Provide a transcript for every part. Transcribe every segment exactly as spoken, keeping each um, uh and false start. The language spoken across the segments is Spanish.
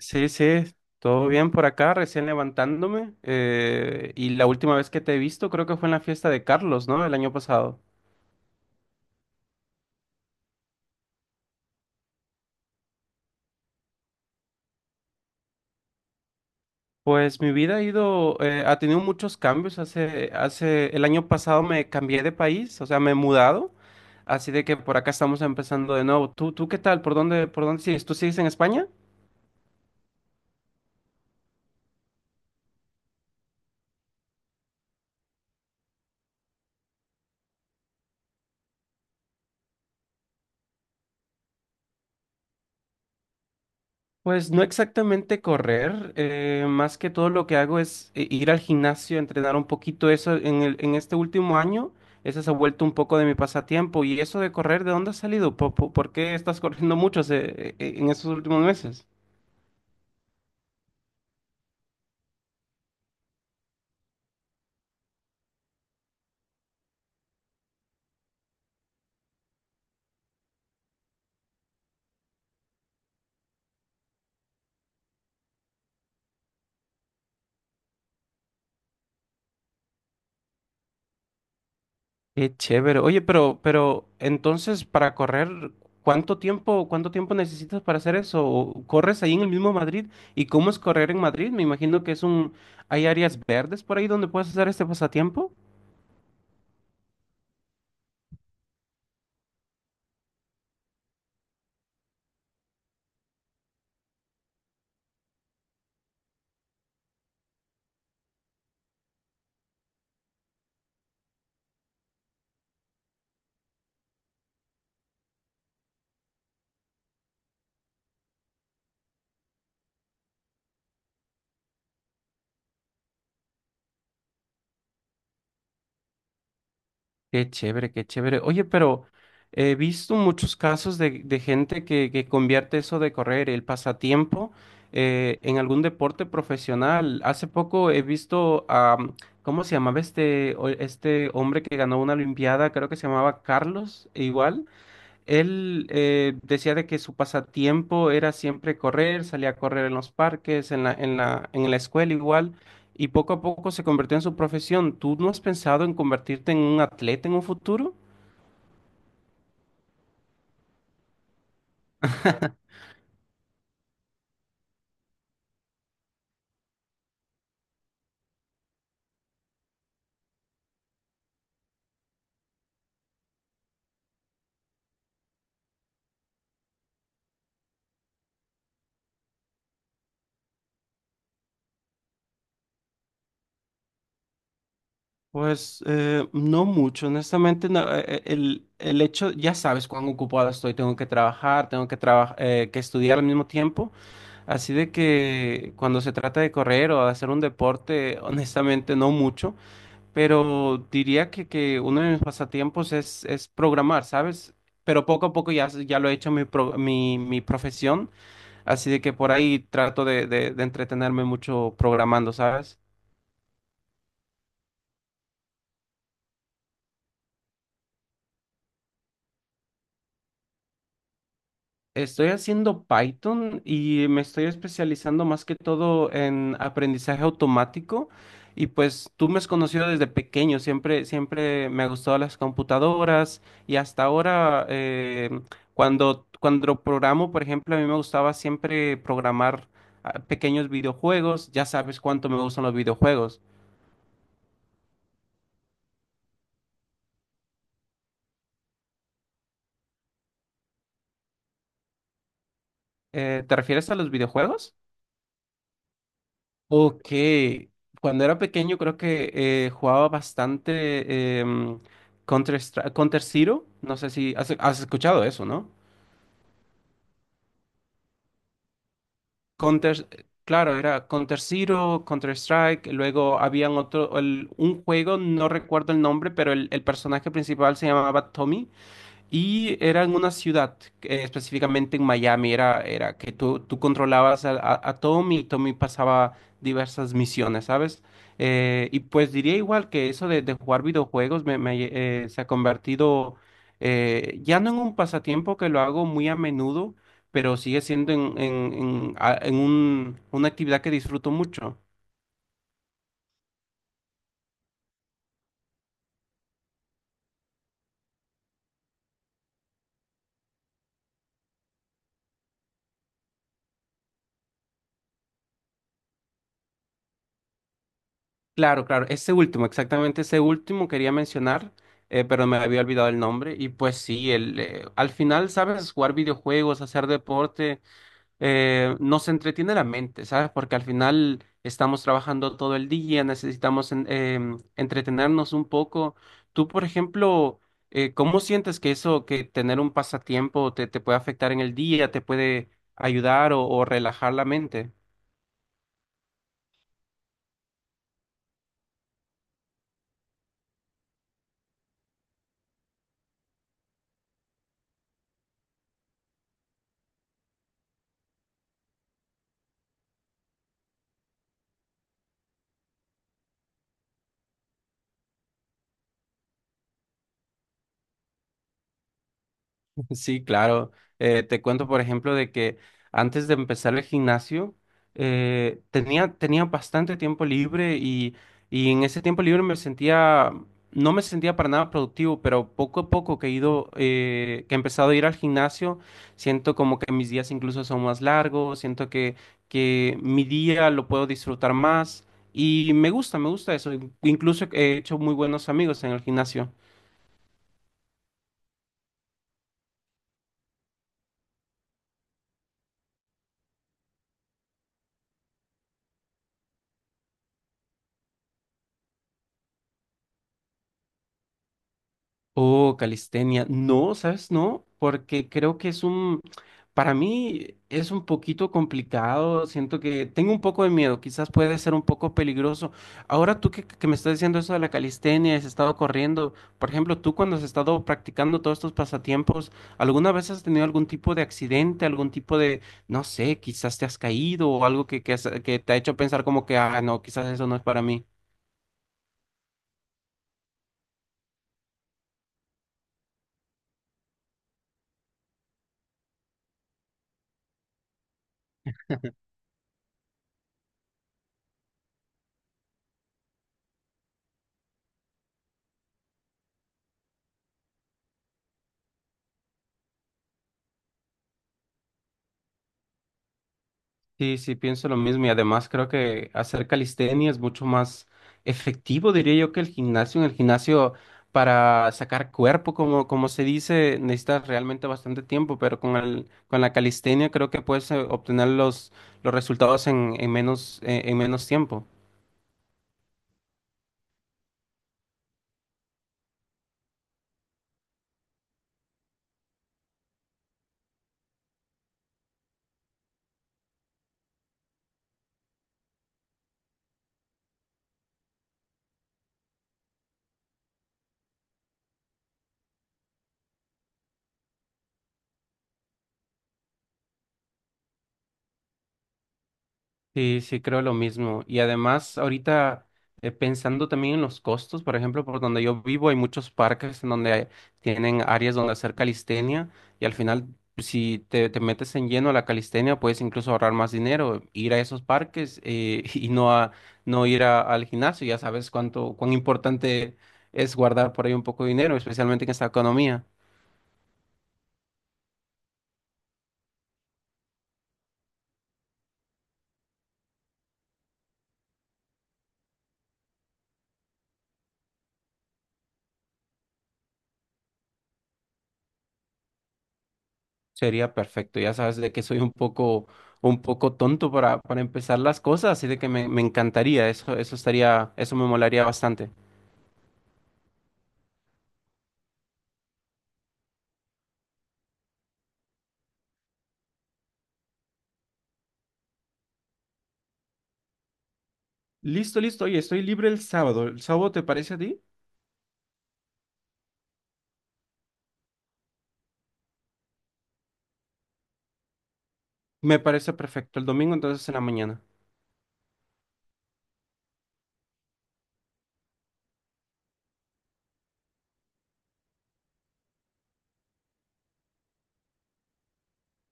Sí, sí, todo bien por acá, recién levantándome. Eh, y la última vez que te he visto creo que fue en la fiesta de Carlos, ¿no? El año pasado. Pues mi vida ha ido, eh, ha tenido muchos cambios. Hace, hace, el año pasado me cambié de país, o sea, me he mudado. Así de que por acá estamos empezando de nuevo. ¿Tú, tú qué tal? ¿Por dónde, por dónde sigues? ¿Tú sigues en España? Pues no exactamente correr, eh, más que todo lo que hago es eh, ir al gimnasio, entrenar un poquito eso. En el, en este último año, eso se ha vuelto un poco de mi pasatiempo. ¿Y eso de correr, de dónde ha salido? ¿Po- po- Por qué estás corriendo mucho se- eh, eh, en estos últimos meses? Qué chévere. Oye, pero, pero entonces para correr, ¿cuánto tiempo, cuánto tiempo necesitas para hacer eso? ¿O ¿Corres ahí en el mismo Madrid? ¿Y cómo es correr en Madrid? Me imagino que es un, hay áreas verdes por ahí donde puedes hacer este pasatiempo. Qué chévere, qué chévere. Oye, pero eh, he visto muchos casos de, de gente que, que convierte eso de correr, el pasatiempo, eh, en algún deporte profesional. Hace poco he visto a, ¿cómo se llamaba este, o- este hombre que ganó una olimpiada? Creo que se llamaba Carlos, igual. Él eh, decía de que su pasatiempo era siempre correr, salía a correr en los parques, en la, en la, en la escuela igual, y poco a poco se convirtió en su profesión. ¿Tú no has pensado en convertirte en un atleta en un futuro? Pues eh, no mucho, honestamente, no, eh, eh, el, el hecho, ya sabes cuán ocupada estoy, tengo que trabajar, tengo que, traba- eh, que estudiar al mismo tiempo, así de que cuando se trata de correr o de hacer un deporte, honestamente no mucho. Pero diría que, que uno de mis pasatiempos es, es programar, ¿sabes? Pero poco a poco ya, s- ya lo he hecho mi, pro- mi, mi profesión, así de que por ahí trato de, de, de entretenerme mucho programando, ¿sabes? Estoy haciendo Python y me estoy especializando más que todo en aprendizaje automático. Y pues tú me has conocido desde pequeño, siempre, siempre me ha gustado las computadoras y hasta ahora eh, cuando, cuando programo, por ejemplo, a mí me gustaba siempre programar ah, pequeños videojuegos. Ya sabes cuánto me gustan los videojuegos. ¿Eh, te refieres a los videojuegos? Ok, cuando era pequeño creo que eh, jugaba bastante em, Counter, Stri- Counter Zero, no sé si has, has escuchado eso, ¿no? Counter, claro, era Counter Zero, Counter Strike, luego habían otro, el- un juego, no recuerdo el nombre, pero el, el personaje principal se llamaba Tommy. Y era en una ciudad, eh, específicamente en Miami, era, era que tú, tú controlabas a, a- a Tommy, y Tommy pasaba diversas misiones, ¿sabes? Eh, y pues diría igual que eso de, de jugar videojuegos me, me, eh, se ha convertido eh, ya no en un pasatiempo que lo hago muy a menudo, pero sigue siendo en, en, en, a- en un- una actividad que disfruto mucho. Claro, claro, ese último, exactamente ese último quería mencionar, eh, pero me había olvidado el nombre. Y pues sí, el, eh, al final, ¿sabes? Jugar videojuegos, hacer deporte, eh, nos entretiene la mente, ¿sabes? Porque al final estamos trabajando todo el día, necesitamos en- em, entretenernos un poco. Tú, por ejemplo, eh, ¿cómo sientes que eso, que tener un pasatiempo te, te puede afectar en el día, te puede ayudar o o relajar la mente? Sí, claro. Eh, te cuento, por ejemplo, de que antes de empezar el gimnasio, eh, tenía, tenía bastante tiempo libre y, y en ese tiempo libre me sentía, no me sentía para nada productivo, pero poco a poco que he ido, eh, que he empezado a ir al gimnasio, siento como que mis días incluso son más largos, siento que, que mi día lo puedo disfrutar más y me gusta, me gusta eso. Incluso he hecho muy buenos amigos en el gimnasio. Oh, calistenia. No, ¿sabes? No, porque creo que es un, para mí es un poquito complicado. Siento que tengo un poco de miedo, quizás puede ser un poco peligroso. Ahora tú que, que me estás diciendo eso de la calistenia, has estado corriendo, por ejemplo, tú cuando has estado practicando todos estos pasatiempos, ¿alguna vez has tenido algún tipo de accidente, algún tipo de, no sé, quizás te has caído o algo que, que, has- que te ha hecho pensar como que, ah, no, ¿quizás eso no es para mí? Sí, sí, pienso lo mismo y además creo que hacer calistenia es mucho más efectivo, diría yo, que el gimnasio. En el gimnasio para sacar cuerpo, como, como se dice, necesitas realmente bastante tiempo, pero con el, con la calistenia creo que puedes eh, obtener los, los resultados en, en menos, eh, en menos tiempo. Sí, sí, creo lo mismo. Y además, ahorita eh, pensando también en los costos, por ejemplo, por donde yo vivo hay muchos parques en donde hay- tienen áreas donde hacer calistenia y al final, pues, si te, te metes en lleno a la calistenia, puedes incluso ahorrar más dinero, ir a esos parques eh, y no, a, no ir a- al gimnasio. Ya sabes cuánto, cuán importante es guardar por ahí un poco de dinero, especialmente en esta economía. Sería perfecto, ya sabes de que soy un poco, un poco tonto para, para empezar las cosas, así de que me, me encantaría, eso, eso estaría, eso me molaría bastante. Listo, listo, oye, estoy libre el sábado. ¿El sábado te parece a ti? Me parece perfecto. El domingo entonces en la mañana.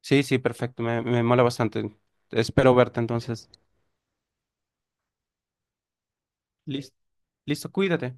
Sí, sí, perfecto, me, me mola bastante. Espero verte entonces. Listo, listo, cuídate.